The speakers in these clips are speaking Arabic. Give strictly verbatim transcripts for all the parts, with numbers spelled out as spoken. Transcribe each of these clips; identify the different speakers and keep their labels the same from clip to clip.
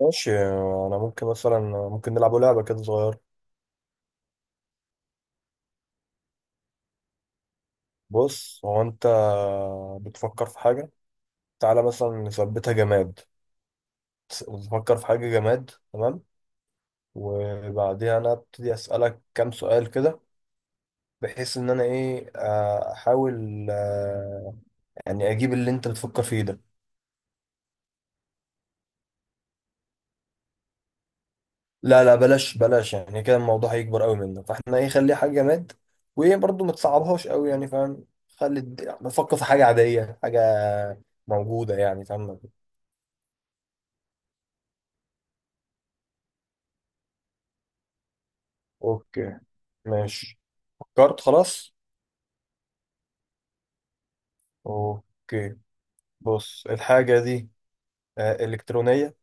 Speaker 1: ماشي. انا ممكن مثلا، ممكن نلعب لعبه كده صغيره. بص، هو انت بتفكر في حاجه. تعالى مثلا نثبتها جماد. بتفكر في حاجه جماد؟ تمام. وبعديها انا ابتدي اسالك كام سؤال كده، بحيث ان انا ايه آه، احاول آه، يعني اجيب اللي انت بتفكر فيه ده. لا لا، بلاش بلاش، يعني كده الموضوع هيكبر قوي منك، فاحنا ايه، خليها حاجه جماد. وايه برضو ما تصعبهاش قوي، يعني فاهم؟ خلي الد- نفكر في حاجه عاديه، حاجه موجوده، يعني فاهم؟ اوكي. ماشي. فكرت؟ خلاص. اوكي، بص الحاجة دي آه، إلكترونية؟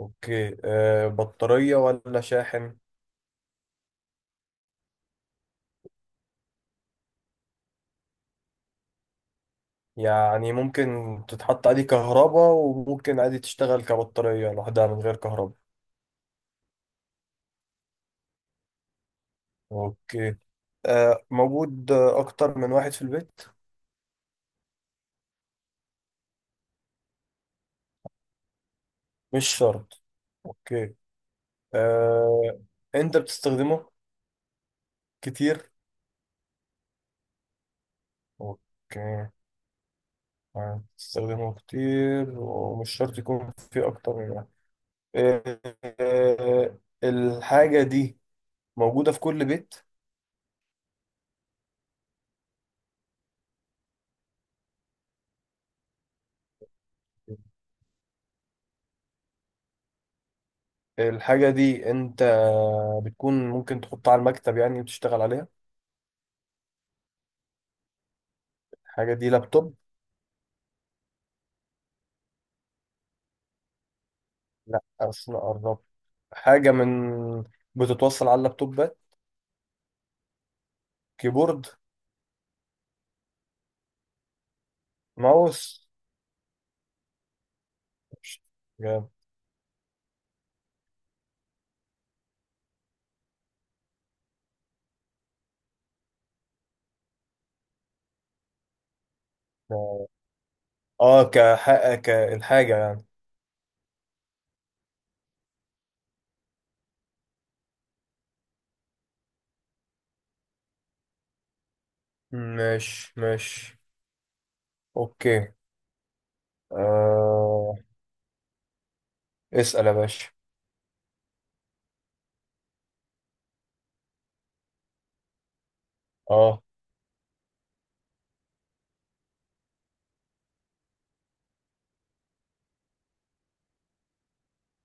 Speaker 1: اوكي. آه، بطارية ولا شاحن؟ يعني ممكن تتحط عليه كهرباء وممكن عادي تشتغل كبطارية لوحدها من غير كهرباء؟ اوكي. آه، موجود آه، أكتر من واحد في البيت؟ مش شرط. اوكي. آه، أنت بتستخدمه كتير؟ اوكي. آه، بتستخدمه كتير ومش شرط يكون في أكتر من آه، آه، الحاجة دي موجودة في كل بيت؟ الحاجة دي انت بتكون ممكن تحطها على المكتب يعني وتشتغل عليها؟ الحاجة دي لابتوب؟ لا اصل أنا قربت. حاجة من بتتوصل على اللابتوبات؟ كيبورد؟ ماوس؟ مش- جاب. اه، كحق كالحاجة يعني. مش مش. اوكي. آه. اسأل يا باشا. اه.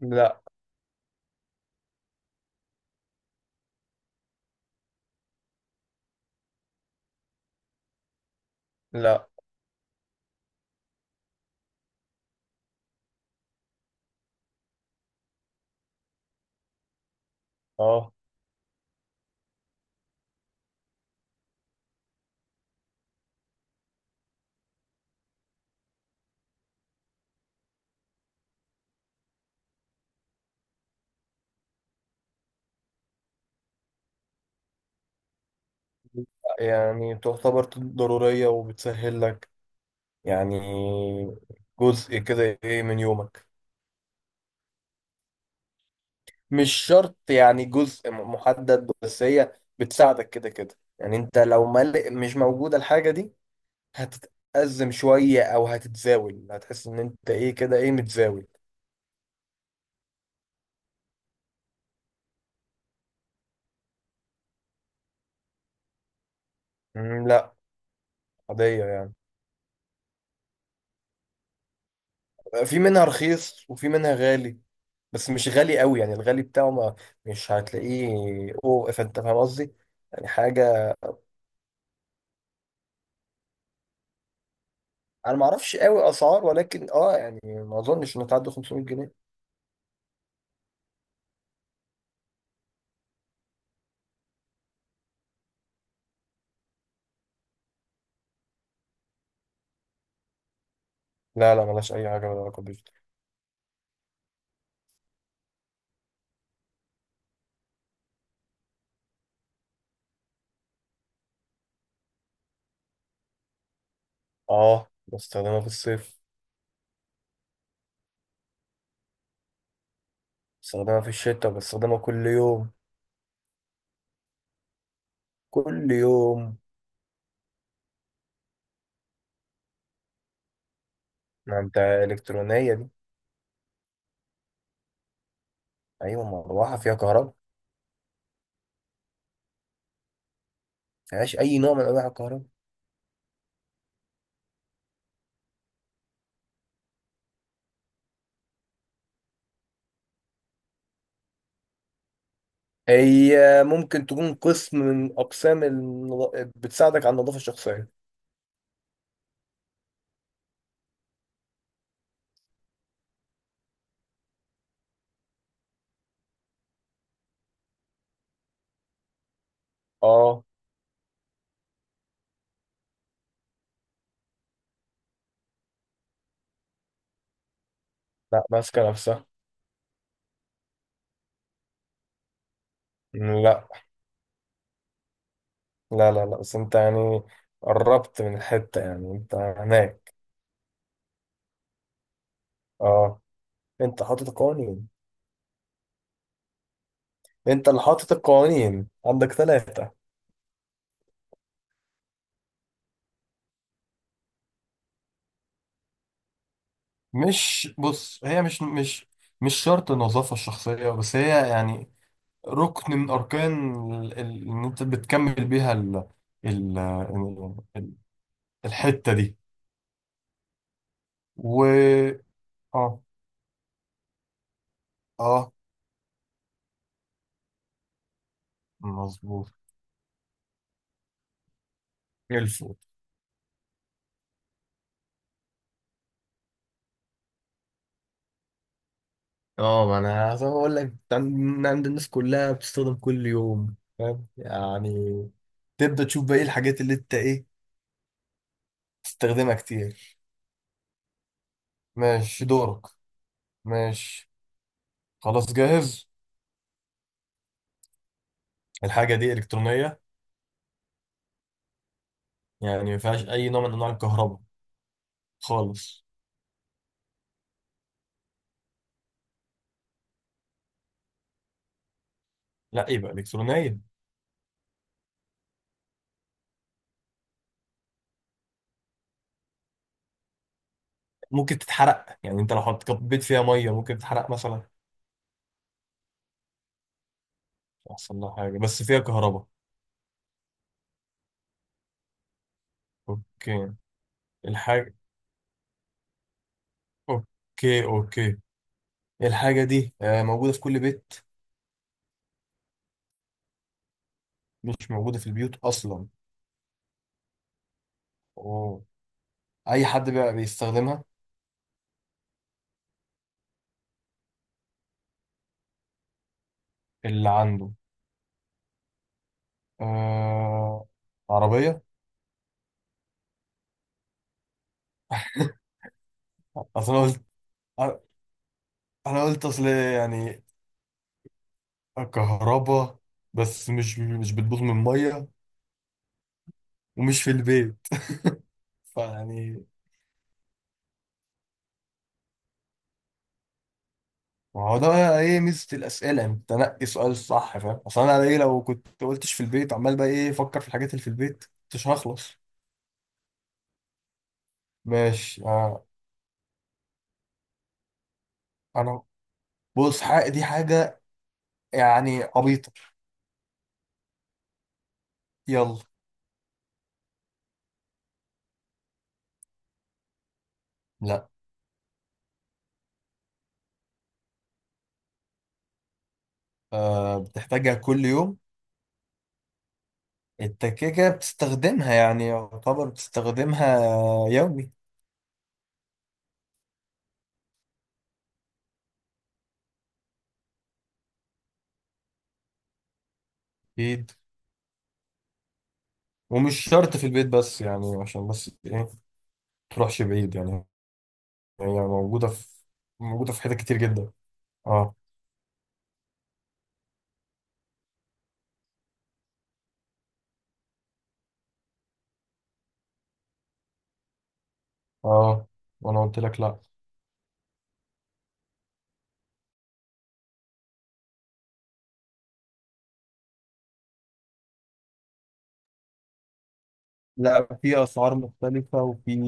Speaker 1: لا لا. اه، يعني تعتبر ضرورية وبتسهل لك، يعني جزء كده ايه من يومك. مش شرط يعني جزء م- محدد، بس هي بتساعدك كده كده. يعني انت لو مل... مش موجودة الحاجة دي هتتأزم شوية او هتتزاول، هتحس ان انت ايه كده، ايه، متزاول. مم، لا، عادية يعني. في منها رخيص وفي منها غالي، بس مش غالي قوي. يعني الغالي بتاعه ما مش هتلاقيه. اوه، فانت فاهم قصدي، يعني حاجة. انا ما اعرفش قوي اسعار، ولكن اه يعني ما اظنش انها تعدي خمسمية جنيه. لا لا، ملهاش اي حاجه ولا علاقه بيوتي. اه، بستخدمها في الصيف. بستخدمها في الشتاء، بستخدمها كل يوم. كل يوم. ما انت الكترونيه دي! ايوه، مروحه فيها كهرباء ما. فيهاش اي نوع من انواع الكهرباء. هي ممكن تكون قسم من اقسام النظ... بتساعدك على النظافه الشخصيه. اه. لا، ماسكه نفسها. لا لا لا، لا بس انت يعني قربت من الحته، يعني انت هناك. اه، انت حاطط القوانين. انت اللي حاطط القوانين، عندك ثلاثة. مش بص، هي مش مش، مش شرط النظافة الشخصية بس، هي يعني ركن من أركان ال- ال- إن أنت بتكمل بيها ال ال ال- الحتة دي. و، آه آه مظبوط. الفوت. اه، ما انا عايز اقول لك عند عند الناس كلها بتستخدم كل يوم، فاهم يعني. تبدأ تشوف بقى ايه الحاجات اللي انت ايه تستخدمها كتير. ماشي دورك. ماشي. خلاص جاهز. الحاجة دي إلكترونية؟ يعني ما فيهاش أي نوع من أنواع الكهرباء خالص؟ لا يبقى إلكترونية. ممكن تتحرق، يعني أنت لو حط كبيت فيها مية ممكن تتحرق مثلا؟ يحصل لها حاجة، بس فيها كهرباء. أوكي. الحاجة. أوكي أوكي. الحاجة دي آه، موجودة في كل بيت؟ مش موجودة في البيوت أصلا. أوه. أي حد بقى بيستخدمها؟ اللي عنده. آه... عربية؟ أصلا قلت، آه، انا قلت اصل يعني كهربا، بس مش مش بتبوظ من ميه، ومش في البيت. فيعني ما هو ده ايه ميزه الاسئله، انت تنقي سؤال الصح، فاهم. اصل انا ايه، لو كنت قلتش في البيت عمال بقى ايه افكر في الحاجات اللي في البيت، مش هخلص. ماشي. آه انا، بص حق دي حاجه يعني عبيطه. يلا. لا. آه بتحتاجها كل يوم. انت كده كده بتستخدمها، يعني يعتبر بتستخدمها يومي. اكيد. ومش شرط في البيت بس يعني، عشان بس ايه تروحش بعيد يعني. هي موجودة في موجودة في حتت كتير جدا. اه اه وانا قلت لك لا. لا، في اسعار مختلفة، وفي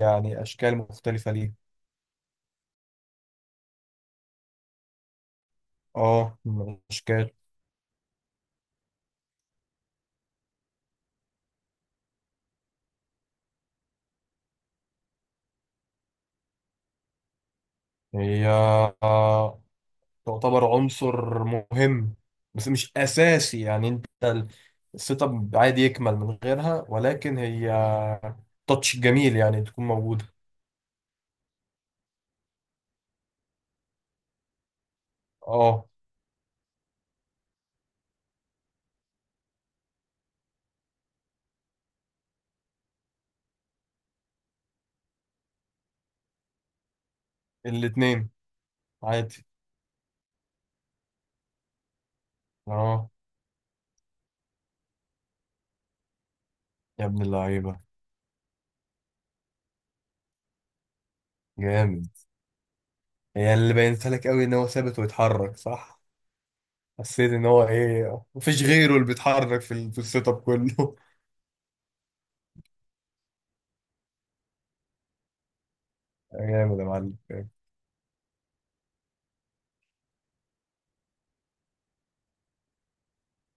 Speaker 1: يعني اشكال مختلفة ليها. اه، الاشكال. هي آه، تعتبر عنصر مهم بس مش اساسي. يعني انت ال- السيت اب عادي يكمل من غيرها، ولكن هي تاتش جميل يعني تكون موجودة. اه، الاتنين عادي. اه يا ابن اللعيبة! جامد. يعني اللي بينت لك قوي ان هو ثابت ويتحرك، صح؟ حسيت ان هو ايه، مفيش غيره اللي بيتحرك في ال- في السيت اب كله. جامد يا معلم.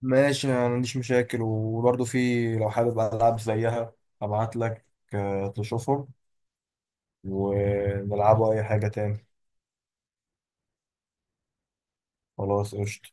Speaker 1: ماشي، انا ما عنديش مشاكل، وبرضه، في لو حابب العاب زيها ابعت لك آه، تشوفهم ونلعبوا اي حاجة تاني. خلاص، قشطة.